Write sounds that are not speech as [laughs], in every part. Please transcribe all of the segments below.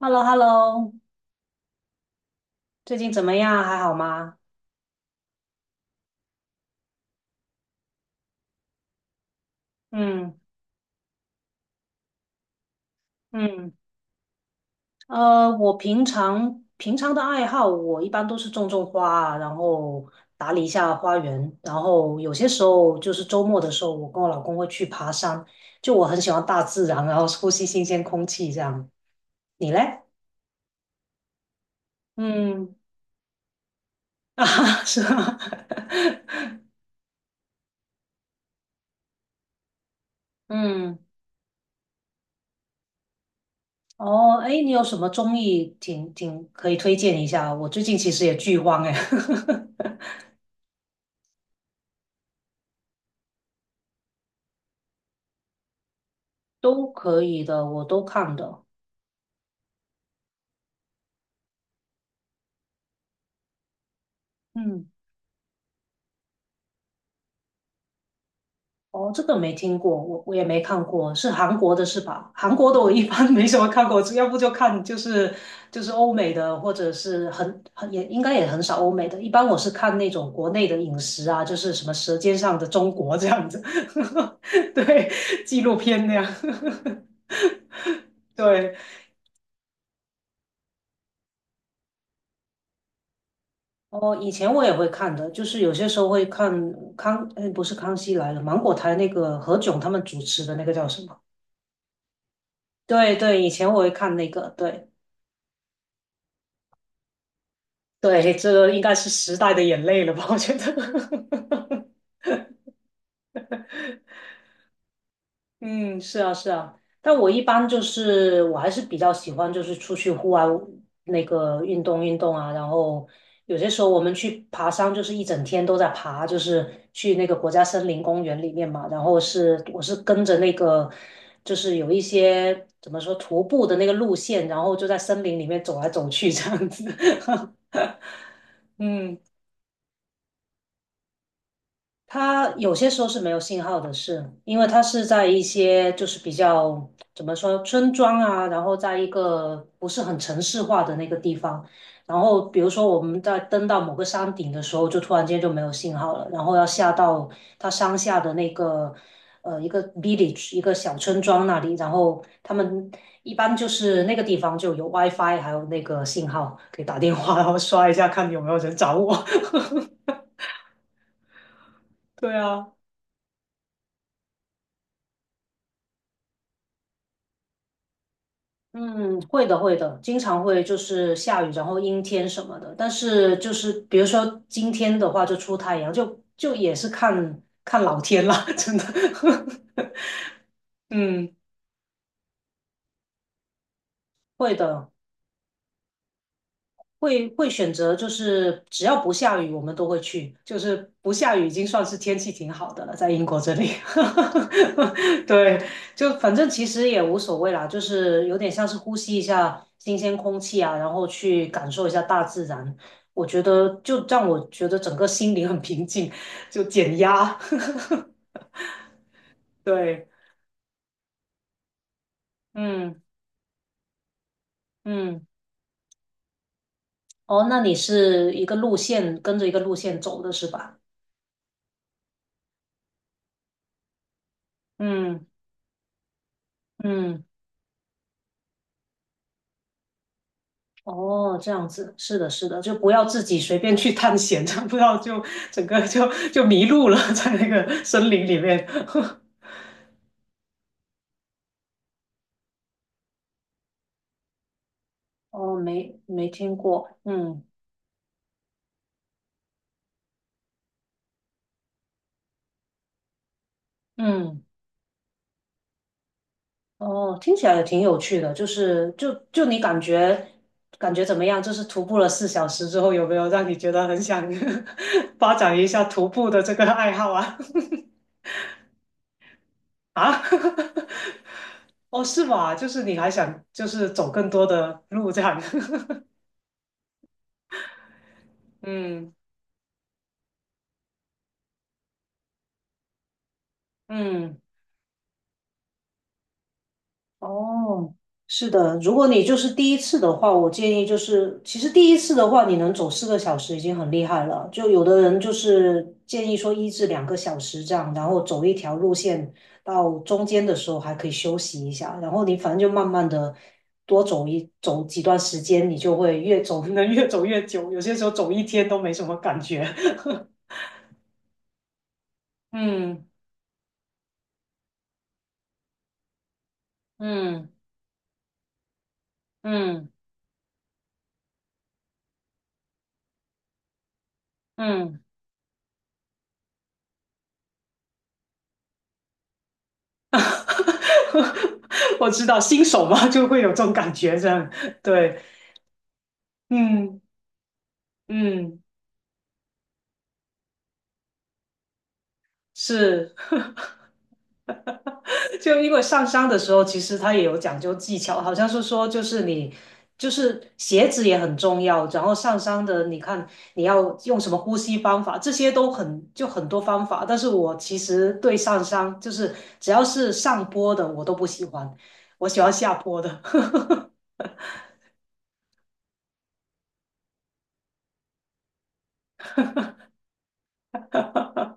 hello hello 最近怎么样？还好吗？嗯嗯，我平常的爱好，我一般都是种种花啊。然后打理一下花园，然后有些时候就是周末的时候，我跟我老公会去爬山，就我很喜欢大自然，然后呼吸新鲜空气这样。你嘞？嗯 [laughs] 啊，是吗？[laughs] 嗯，哦，哎，你有什么综艺挺可以推荐一下？我最近其实也剧荒哎。[laughs] 都可以的，我都看的。嗯，哦，这个没听过，我也没看过，是韩国的是吧？韩国的我一般 [laughs] 没什么看过，只要不就看就是欧美的，或者是很也应该也很少欧美的。一般我是看那种国内的饮食啊，就是什么《舌尖上的中国》这样子，[laughs] 对，纪录片那样，[laughs] 对。哦，以前我也会看的，就是有些时候会看不是《康熙来了》，芒果台那个何炅他们主持的那个叫什么？对对，以前我会看那个，对对，这个应该是时代的眼泪了吧？我觉得，[laughs] 嗯，是啊是啊，但我一般就是我还是比较喜欢就是出去户外那个运动运动啊，然后有些时候我们去爬山，就是一整天都在爬，就是去那个国家森林公园里面嘛，然后是我是跟着那个就是有一些怎么说徒步的那个路线，然后就在森林里面走来走去这样子，[laughs] 嗯。它有些时候是没有信号的是，因为它是在一些就是比较怎么说村庄啊，然后在一个不是很城市化的那个地方，然后比如说我们在登到某个山顶的时候，就突然间就没有信号了，然后要下到它山下的那个一个 village 一个小村庄那里，然后他们一般就是那个地方就有 WiFi，还有那个信号，可以打电话，然后刷一下看有没有人找我。[laughs] 对啊。嗯，会的，会的，经常会就是下雨，然后阴天什么的。但是就是比如说今天的话，就出太阳，就也是看看老天啦，[laughs] 真的。[laughs] 嗯，会的。会选择，就是只要不下雨，我们都会去。就是不下雨已经算是天气挺好的了，在英国这里。[laughs] 对，就反正其实也无所谓啦，就是有点像是呼吸一下新鲜空气啊，然后去感受一下大自然。我觉得就让我觉得整个心灵很平静，就减压。[laughs] 对，嗯嗯，哦，那你是一个路线跟着一个路线走的是吧？嗯嗯。哦，这样子，是的，是的，就不要自己随便去探险，[laughs] 这样不要就整个就迷路了，[laughs] 在那个森林里面。[laughs] 哦，没听过，嗯嗯，哦，听起来也挺有趣的，就是你感觉怎么样？就是徒步了4小时之后，有没有让你觉得很想 [laughs] 发展一下徒步的这个爱好啊？[laughs] 啊？[laughs] 哦，是吗？就是你还想就是走更多的路这样？[laughs] 嗯。嗯，哦，是的，如果你就是第一次的话，我建议就是，其实第一次的话，你能走4个小时已经很厉害了。就有的人就是建议说1至2个小时这样，然后走一条路线，到中间的时候还可以休息一下，然后你反正就慢慢的多走一走几段时间，你就会越走 [laughs] 能越走越久，有些时候走一天都没什么感觉。[laughs] 嗯嗯嗯嗯。[laughs] 我知道新手嘛，就会有这种感觉，这样对，嗯嗯，是，[laughs] 就因为上山的时候，其实它也有讲究技巧，好像是说就是你就是鞋子也很重要，然后上山的你看你要用什么呼吸方法，这些都很就很多方法，但是我其实对上山就是只要是上坡的我都不喜欢，我喜欢下坡的。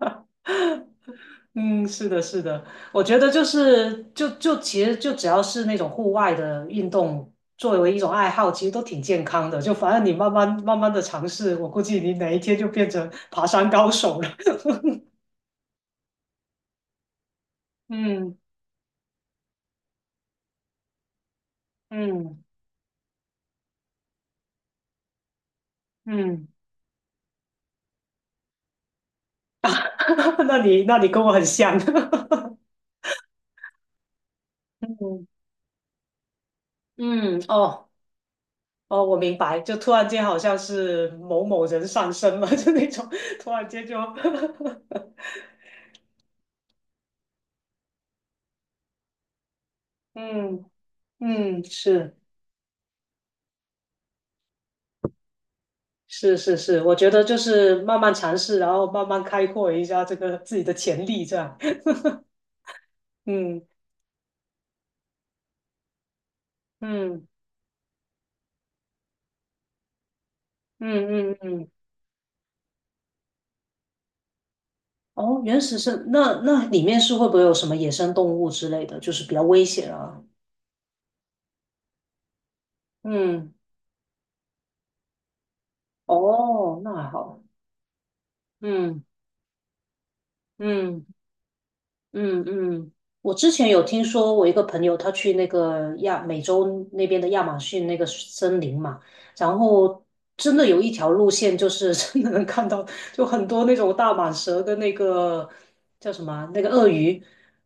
[laughs] 嗯，是的，是的，我觉得就是其实就只要是那种户外的运动，作为一种爱好，其实都挺健康的。就反正你慢慢慢慢的尝试，我估计你哪一天就变成爬山高手了。[laughs] 嗯嗯嗯，[laughs] 那你跟我很像。[laughs] 嗯嗯，哦哦，我明白，就突然间好像是某某人上身了，就那种突然间就，[laughs] 嗯嗯是。是是是，我觉得就是慢慢尝试，然后慢慢开阔一下这个自己的潜力，这样。[laughs] 嗯嗯嗯嗯嗯。哦，原始森，那里面是会不会有什么野生动物之类的，就是比较危险啊？嗯，哦，那还好。嗯嗯。嗯嗯，我之前有听说，我一个朋友他去那个亚美洲那边的亚马逊那个森林嘛，然后真的有一条路线，就是真的能看到，就很多那种大蟒蛇跟那个叫什么啊那个鳄鱼，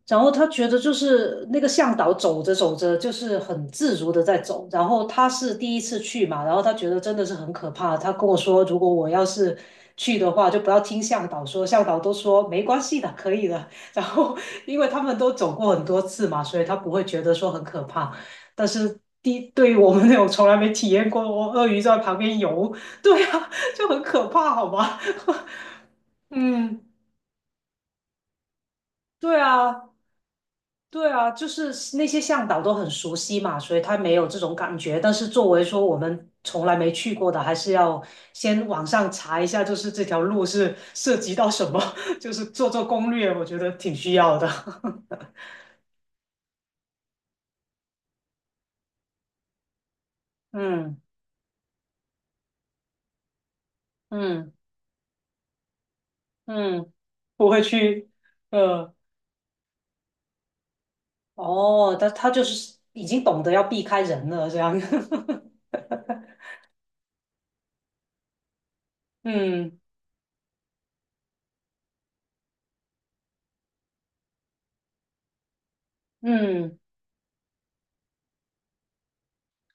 然后他觉得就是那个向导走着走着就是很自如的在走，然后他是第一次去嘛，然后他觉得真的是很可怕，他跟我说，如果我要是去的话，就不要听向导说，向导都说没关系的，可以的。然后因为他们都走过很多次嘛，所以他不会觉得说很可怕。但是对于我们那种从来没体验过鳄鱼在旁边游，对啊，就很可怕，好吗？[laughs] 嗯，对啊，对啊，就是那些向导都很熟悉嘛，所以他没有这种感觉。但是作为说我们从来没去过的，还是要先网上查一下，就是这条路是涉及到什么，[laughs] 就是做做攻略，我觉得挺需要的。[laughs] 嗯嗯。嗯，不会去，呃，哦，但他就是已经懂得要避开人了，这样，[laughs] 嗯嗯。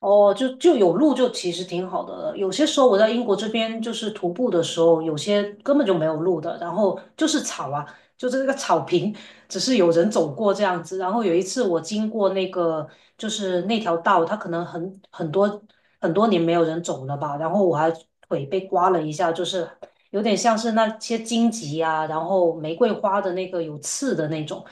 哦，就有路就其实挺好的了。有些时候我在英国这边就是徒步的时候，有些根本就没有路的，然后就是草啊，就是那个草坪，只是有人走过这样子。然后有一次我经过那个就是那条道，它可能很多很多年没有人走了吧，然后我还腿被刮了一下，就是有点像是那些荆棘啊，然后玫瑰花的那个有刺的那种。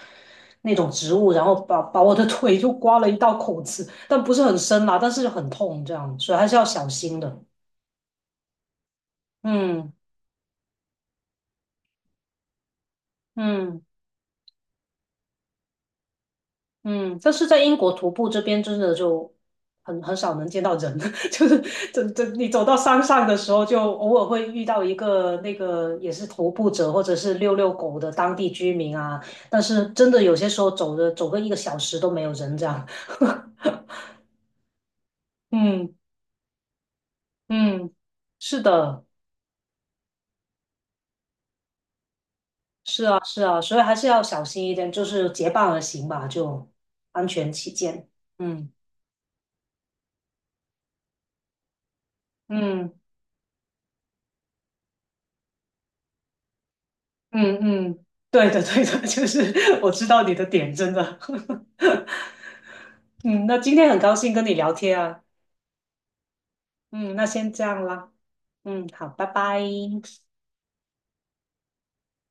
那种植物，然后把我的腿 [laughs] 就刮了一道口子，但不是很深啦，但是就很痛，这样，所以还是要小心的。嗯嗯嗯，但是在英国徒步这边真的就很少能见到人，[laughs] 就是这你走到山上的时候，就偶尔会遇到一个那个也是徒步者或者是遛遛狗的当地居民啊，但是真的有些时候走的走个1个小时都没有人这样。[laughs] 嗯嗯，是的。是啊，是啊，所以还是要小心一点，就是结伴而行吧，就安全起见。嗯嗯嗯嗯，对的对的，[laughs] 就是我知道你的点，真的。[laughs] 嗯，那今天很高兴跟你聊天啊。嗯，那先这样啦。嗯，好，拜拜。